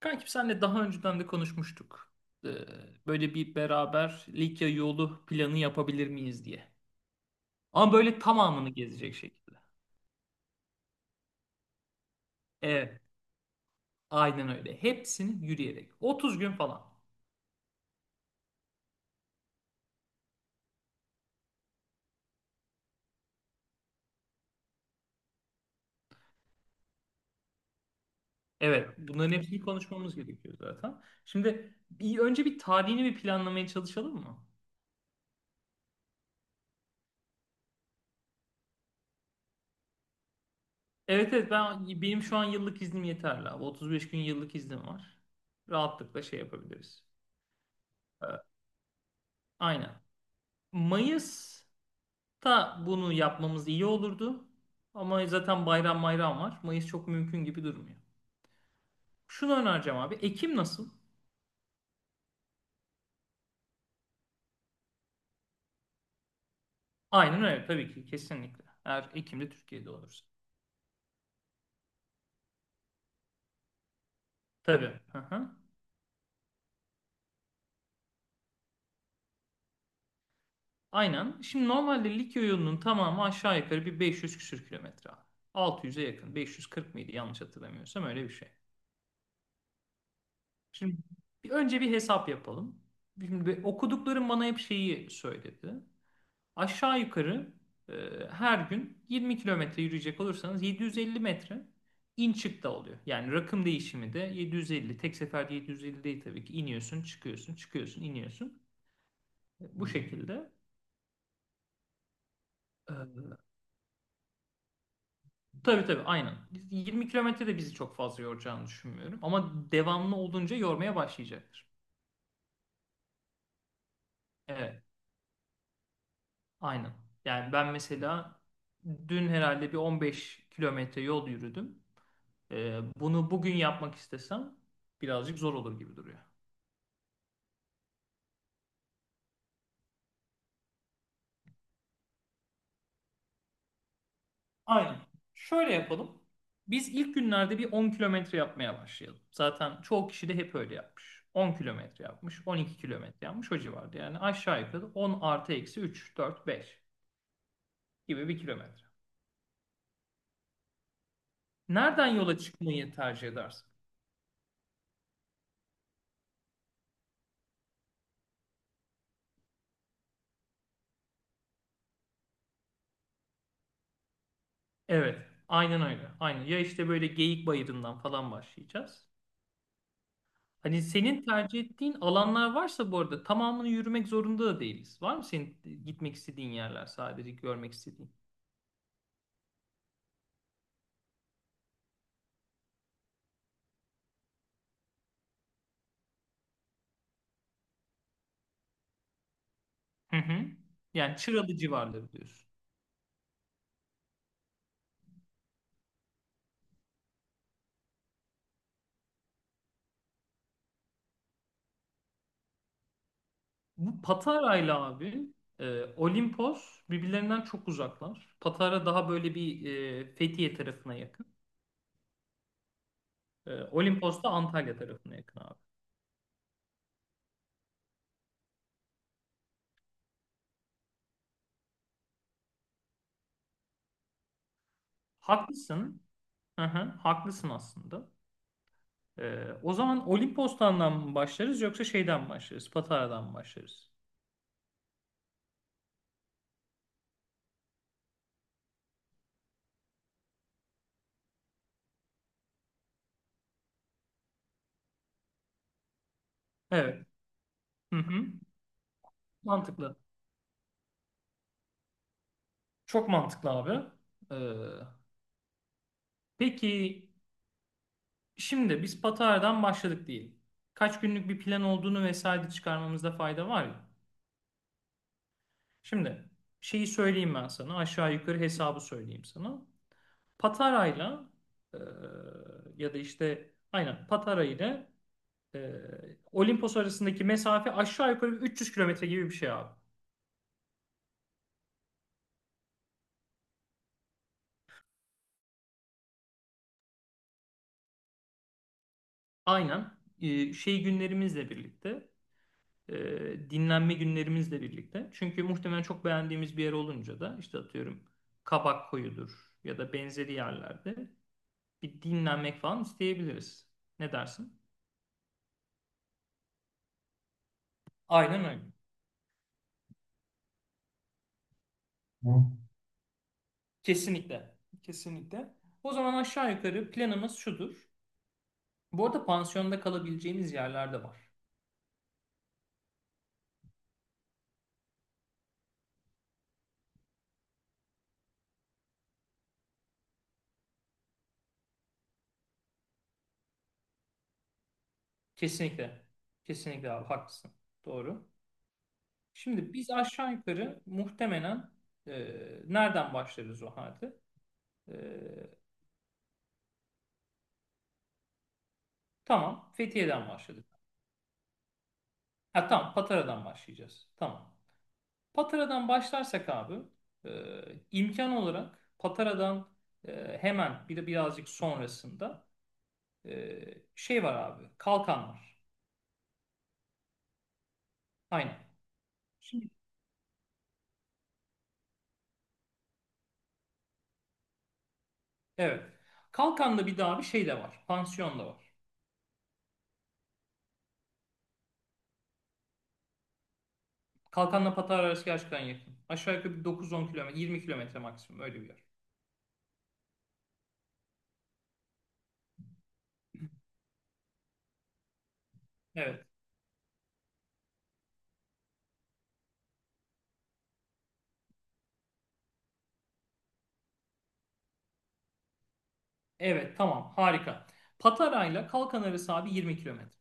Kankim senle daha önceden de konuşmuştuk. Ee, Böyle bir beraber Likya yolu planı yapabilir miyiz diye. Ama böyle tamamını gezecek şekilde. Evet, aynen öyle. Hepsini yürüyerek. 30 gün falan. Evet, bunların hepsini konuşmamız gerekiyor zaten. Şimdi bir, önce bir tarihini bir planlamaya çalışalım mı? Evet, benim şu an yıllık iznim yeterli abi. 35 gün yıllık iznim var. Rahatlıkla şey yapabiliriz. Evet. Aynen. Mayıs ta bunu yapmamız iyi olurdu. Ama zaten bayram bayram var. Mayıs çok mümkün gibi durmuyor. Şunu önereceğim abi. Ekim nasıl? Aynen öyle, tabii ki kesinlikle. Eğer Ekim'de Türkiye'de olursa. Tabii. Hı hı. Aynen. Şimdi normalde Likya yolunun tamamı aşağı yukarı bir 500 küsür kilometre abi. 600'e yakın. 540 mıydı yanlış hatırlamıyorsam, öyle bir şey. Şimdi bir, önce bir hesap yapalım. Şimdi okuduklarım bana hep şeyi söyledi. Aşağı yukarı e, her gün 20 kilometre yürüyecek olursanız 750 metre in çık da oluyor. Yani rakım değişimi de 750. Tek seferde 750 değil tabii ki. İniyorsun, çıkıyorsun, çıkıyorsun, iniyorsun. Bu şekilde. E, tabii, aynen. 20 kilometre de bizi çok fazla yoracağını düşünmüyorum. Ama devamlı olunca yormaya başlayacaktır. Evet, aynen. Yani ben mesela dün herhalde bir 15 kilometre yol yürüdüm. Bunu bugün yapmak istesem birazcık zor olur gibi duruyor. Aynen. Şöyle yapalım. Biz ilk günlerde bir 10 kilometre yapmaya başlayalım. Zaten çoğu kişi de hep öyle yapmış. 10 kilometre yapmış, 12 kilometre yapmış o civarda. Yani aşağı yukarı 10 artı eksi 3, 4, 5 gibi bir kilometre. Nereden yola çıkmayı tercih edersin? Evet, aynen öyle. Aynen. Ya işte böyle Geyik Bayırı'ndan falan başlayacağız. Hani senin tercih ettiğin alanlar varsa, bu arada tamamını yürümek zorunda da değiliz. Var mı senin gitmek istediğin yerler, sadece görmek istediğin? Hı hı. Yani Çıralı civarları diyorsun. Bu Patara'yla abi Olimpos birbirlerinden çok uzaklar. Patara daha böyle bir Fethiye tarafına yakın. Olimpos da Antalya tarafına yakın abi. Haklısın. Hı hı, haklısın aslında. O zaman Olimpos'tan mı başlarız yoksa şeyden mi başlarız? Patara'dan mı başlarız? Evet. Hı hı. Mantıklı. Çok mantıklı abi. Ee, peki şimdi biz Patara'dan başladık değil. Kaç günlük bir plan olduğunu vesaire çıkarmamızda fayda var ya. Şimdi şeyi söyleyeyim ben sana. Aşağı yukarı hesabı söyleyeyim sana. Patara'yla e, ya da işte aynen Patara ile e, Olimpos arasındaki mesafe aşağı yukarı 300 kilometre gibi bir şey abi. Aynen. Şey günlerimizle birlikte, e, dinlenme günlerimizle birlikte. Çünkü muhtemelen çok beğendiğimiz bir yer olunca da, işte atıyorum Kabak Koyu'dur ya da benzeri yerlerde bir dinlenmek falan isteyebiliriz. Ne dersin? Aynen öyle. Hı. Kesinlikle. Kesinlikle. O zaman aşağı yukarı planımız şudur. Bu arada pansiyonda kalabileceğimiz yerler de var. Kesinlikle. Kesinlikle abi, haklısın. Doğru. Şimdi biz aşağı yukarı muhtemelen e, nereden başlarız o halde? E, Tamam. Fethiye'den başladık. Ha tamam, Patara'dan başlayacağız. Tamam. Patara'dan başlarsak abi e, imkan olarak Patara'dan hemen bir de birazcık sonrasında e, şey var abi. Kalkan var. Aynen. Şimdi, evet. Kalkan'da bir daha bir şey de var. Pansiyon da var. Kalkan'la Patara arası gerçekten yakın. Aşağı yukarı bir dokuz on kilometre, 20 kilometre maksimum öyle bir yer. Evet. Evet tamam, harika. Patara ile Kalkan arası abi 20 kilometre.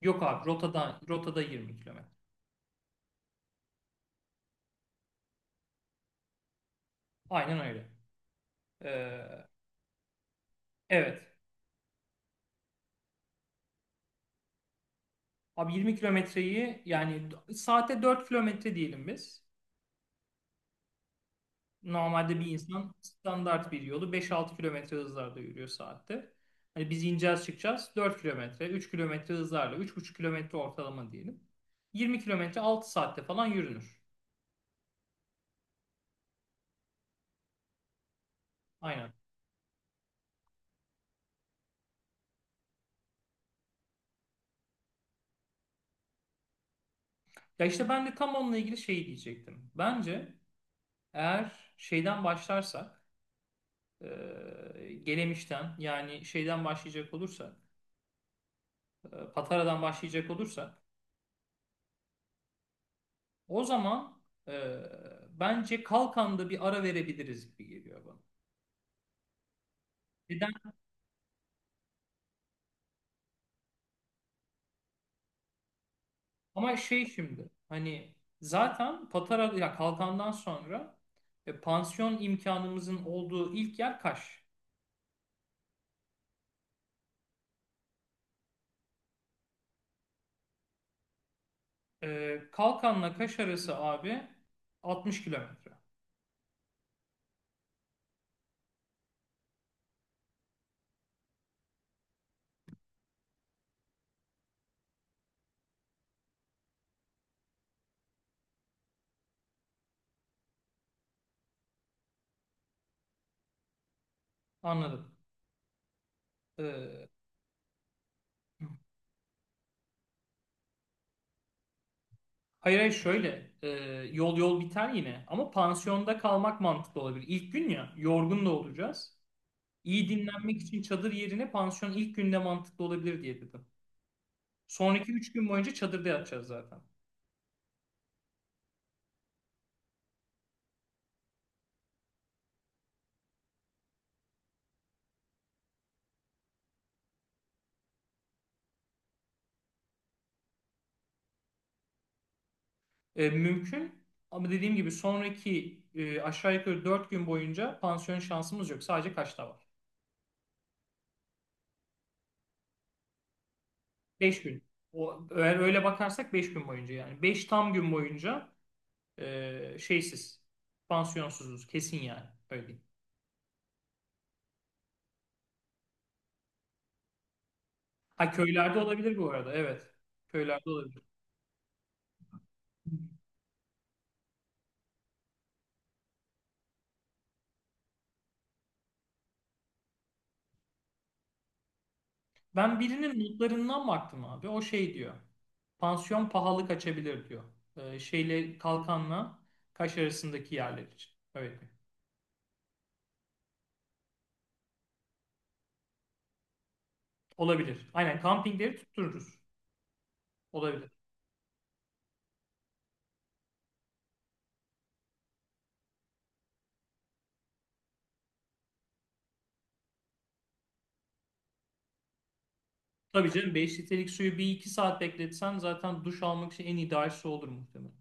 Yok abi, rotada, rotada 20 kilometre. Aynen öyle. Ee, evet. Abi 20 kilometreyi yani saate 4 kilometre diyelim biz. Normalde bir insan standart bir yolu 5-6 kilometre hızlarda yürüyor saatte. Hani biz ineceğiz çıkacağız 4 kilometre, 3 kilometre hızlarla 3,5 kilometre ortalama diyelim. 20 kilometre 6 saatte falan yürünür. Aynen. Ya işte ben de tam onunla ilgili şey diyecektim. Bence eğer şeyden başlarsak, Gelemiş'ten yani şeyden başlayacak olursak, Patara'dan başlayacak olursak o zaman e, bence Kalkan'da bir ara verebiliriz gibi geliyor bana. Neden? Ama şey şimdi hani zaten Patara ya Kalkan'dan sonra pansiyon imkanımızın olduğu ilk yer Kaş. Kalkan'la Kaş arası abi 60 kilometre. Anladım. E, hayır, şöyle yol biter yine ama pansiyonda kalmak mantıklı olabilir. İlk gün ya, yorgun da olacağız. İyi dinlenmek için çadır yerine pansiyon ilk günde mantıklı olabilir diye dedim. Sonraki 3 gün boyunca çadırda yatacağız zaten. Mümkün ama dediğim gibi sonraki aşağı yukarı 4 gün boyunca pansiyon şansımız yok. Sadece kaçta var? 5 gün. O, eğer öyle bakarsak 5 gün boyunca, yani 5 tam gün boyunca şeysiz, pansiyonsuzuz kesin yani. Öyle diyeyim. Ha köylerde olabilir bu arada, evet. Köylerde olabilir. Ben birinin notlarından baktım abi. O şey diyor. Pansiyon pahalı kaçabilir diyor. Şeyle Kalkan'la Kaş arasındaki yerler için. Öyle diyor. Olabilir. Aynen kampingleri tuttururuz. Olabilir. Tabii canım, beş litrelik suyu bir iki saat bekletsen zaten duş almak için en ideal su olur muhtemelen.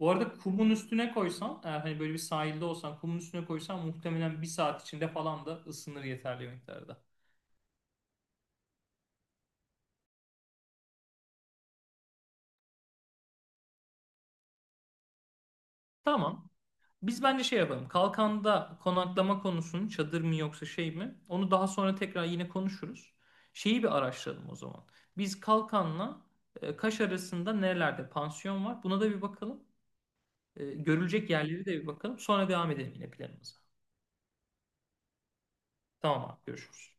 Bu arada kumun üstüne koysan, eğer hani böyle bir sahilde olsan kumun üstüne koysan muhtemelen bir saat içinde falan da ısınır yeterli miktarda. Tamam. Biz bence şey yapalım. Kalkanda konaklama konusunu çadır mı yoksa şey mi? Onu daha sonra tekrar yine konuşuruz. Şeyi bir araştıralım o zaman. Biz Kalkan'la Kaş arasında nerelerde pansiyon var? Buna da bir bakalım. Görülecek yerleri de bir bakalım. Sonra devam edelim yine planımıza. Tamam abi, görüşürüz.